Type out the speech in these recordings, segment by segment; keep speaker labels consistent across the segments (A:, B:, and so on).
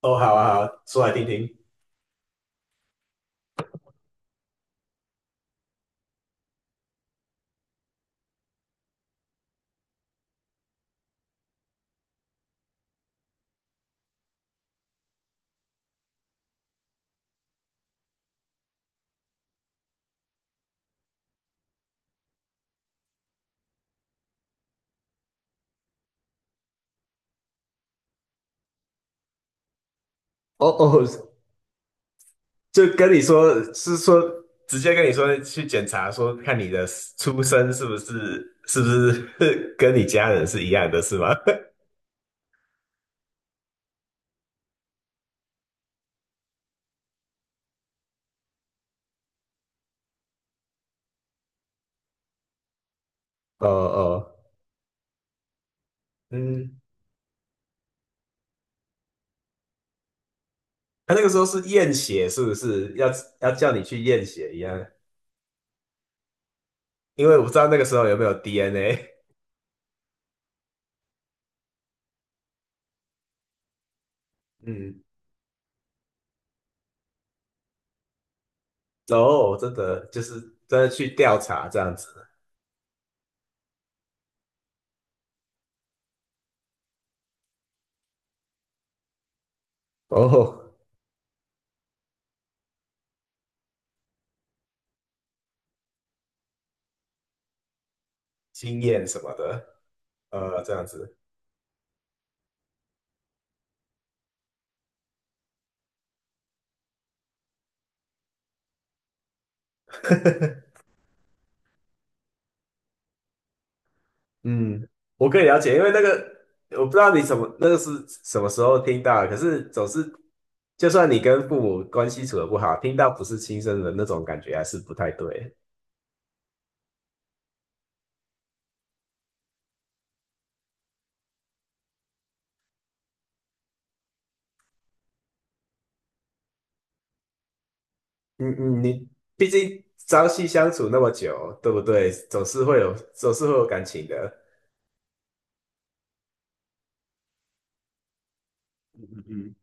A: 哦，好啊，好啊，说来听听。哦哦，就跟你说，是说直接跟你说去检查，说看你的出生是不是 跟你家人是一样的，是吗？哦哦，嗯，他那个时候是验血，是不是要叫你去验血一样？因为我不知道那个时候有没有 DNA。嗯，哦，真的去调查这样子，哦，经验什么的，这样子。嗯，我可以了解，因为那个我不知道你什么那个是什么时候听到的，可是总是就算你跟父母关系处的不好，听到不是亲生的那种感觉还是不太对。嗯嗯，你毕竟朝夕相处那么久，对不对？总是会有感情的。嗯嗯嗯，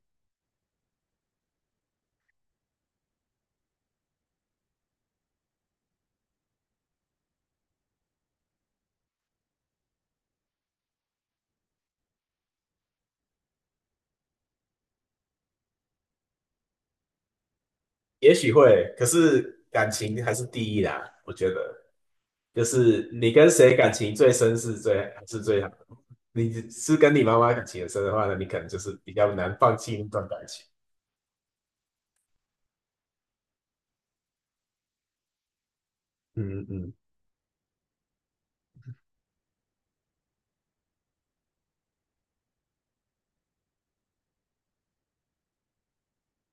A: 也许会，可是感情还是第一啦，我觉得。就是你跟谁感情最还是最好的？你是跟你妈妈感情很深的话呢，你可能就是比较难放弃那段感情。嗯嗯嗯，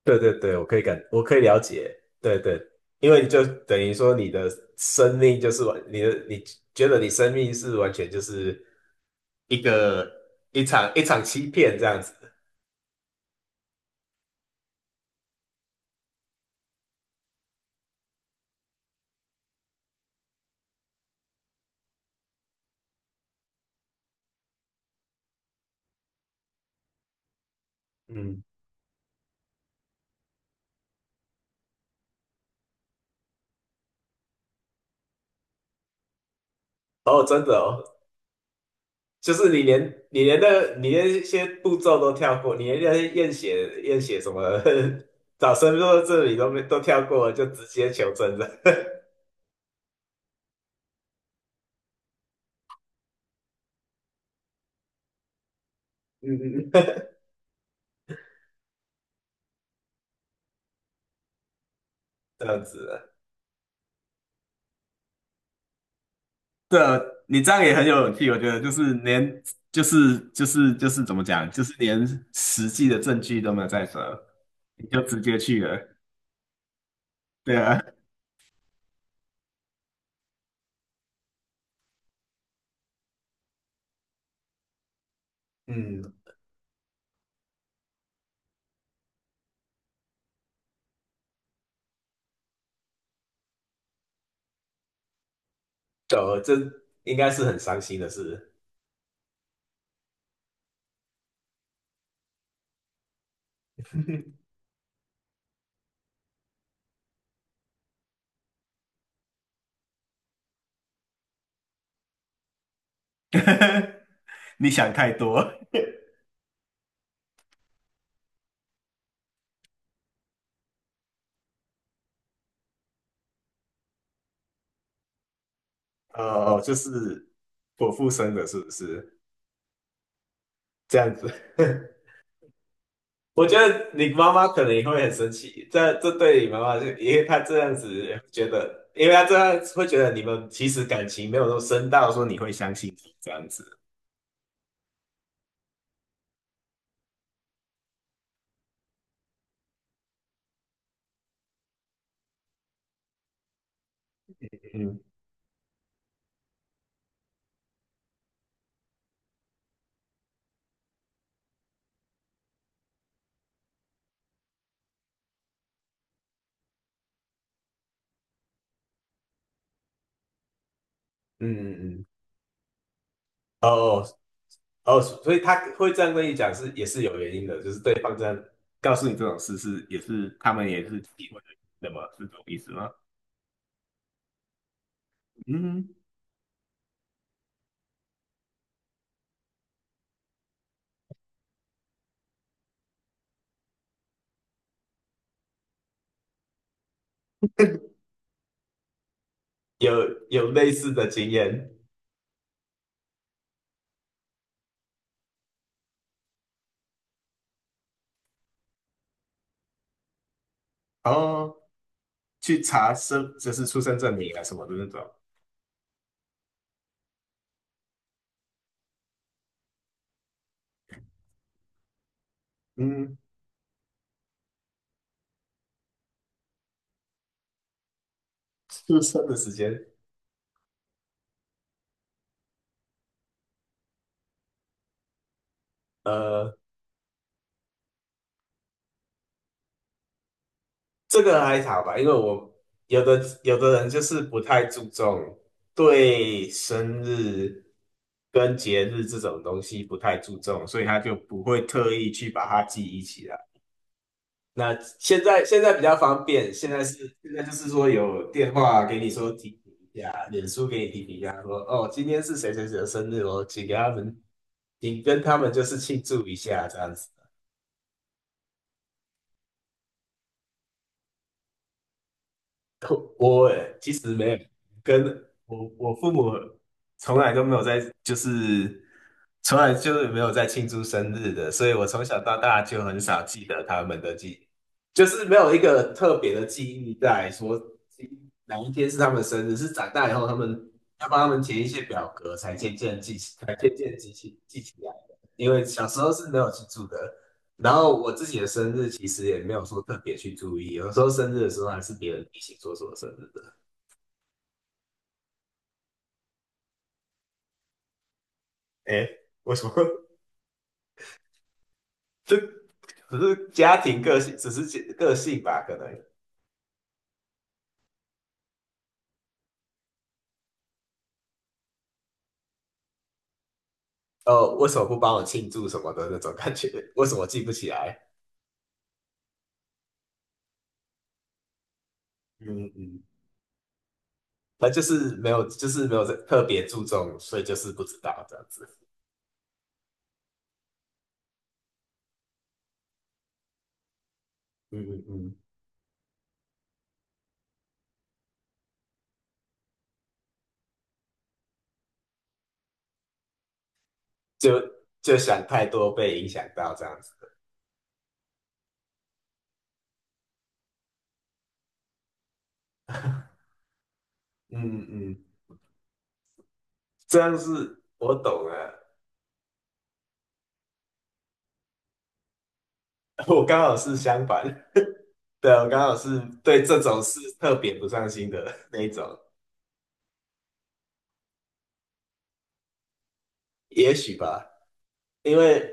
A: 对对对，我可以感，我可以了解。对对，因为就等于说你的生命就是完，你的你觉得你生命是完全就是一个一场欺骗这样子。嗯，哦，真的哦，就是你连那个你连一些步骤都跳过，你连那些验血什么 找身份证 这里都没都跳过了，就直接求证了，嗯嗯嗯，这样子了。对啊，你这样也很有勇气，我觉得就是连怎么讲，就是连实际的证据都没有在手，你就直接去了，对啊，嗯，懂了，这应该是很伤心的事。你想太多。哦，就是我父生的，是不是这样子？我觉得你妈妈可能也会很生气，这这对你妈妈就，因为她这样子觉得，因为她这样会觉得你们其实感情没有那么深到说你会相信这样子。嗯嗯嗯嗯哦哦，所以她会这样跟你讲是也是有原因的，就是对方这样告诉你这种事是也是他们也是体会的么是这种意思吗？嗯，有有类似的经验哦。去查生就是出生证明啊什么的那种。嗯，出生的时间，呃，这个还好吧，因为我有的人就是不太注重对生日跟节日这种东西不太注重，所以他就不会特意去把它记忆起来。那现在比较方便，现在是现在就是说有电话给你说提醒一下，脸书给你提醒一下，说哦今天是谁谁谁的生日哦，请给他们，请跟他们就是庆祝一下这样子。我其实没有跟我父母从来都没有在，就是从来就是没有在庆祝生日的，所以我从小到大就很少记得他们的记，就是没有一个特别的记忆在说哪一天是他们的生日，是长大以后他们要帮他们填一些表格才渐渐记起，才渐渐记起来的，因为小时候是没有记住的。然后我自己的生日其实也没有说特别去注意，有时候生日的时候还是别人提醒说什我生日的。哎，为什么？这只是家庭个性，只是个性吧，可能。哦，为什么不帮我庆祝什么的那种感觉？为什么记不起来？嗯嗯他就是没有，就是没有特别注重，所以就是不知道这样子，嗯嗯嗯，就就想太多被影响到这样子。嗯嗯，这样是我懂了，我刚好是相反。对啊，我刚好是对这种事特别不上心的那一种，也许吧，因为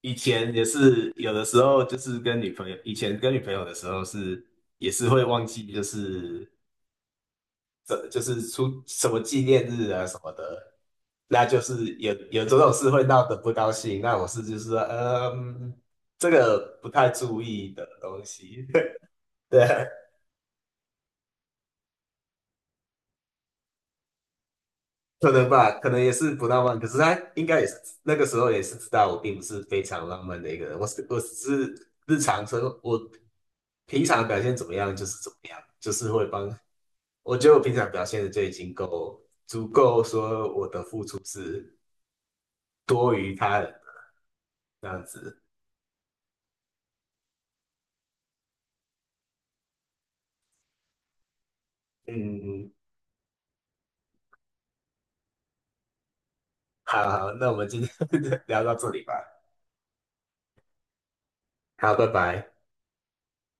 A: 以前也是有的时候就是跟女朋友，以前跟女朋友的时候是也是会忘记，就是这就是出什么纪念日啊什么的，那就是有这种事会闹得不高兴，那我是就是说，这个不太注意的东西，对，可能吧，可能也是不浪漫，可是他应该也是那个时候也是知道我并不是非常浪漫的一个人，我是我只是日常生活，我平常表现怎么样就是怎么样，就是会帮，我觉得我平常表现的就已经够足够，说我的付出是多于他人这样子。嗯，好好，那我们今天 聊到这里吧，好，拜拜。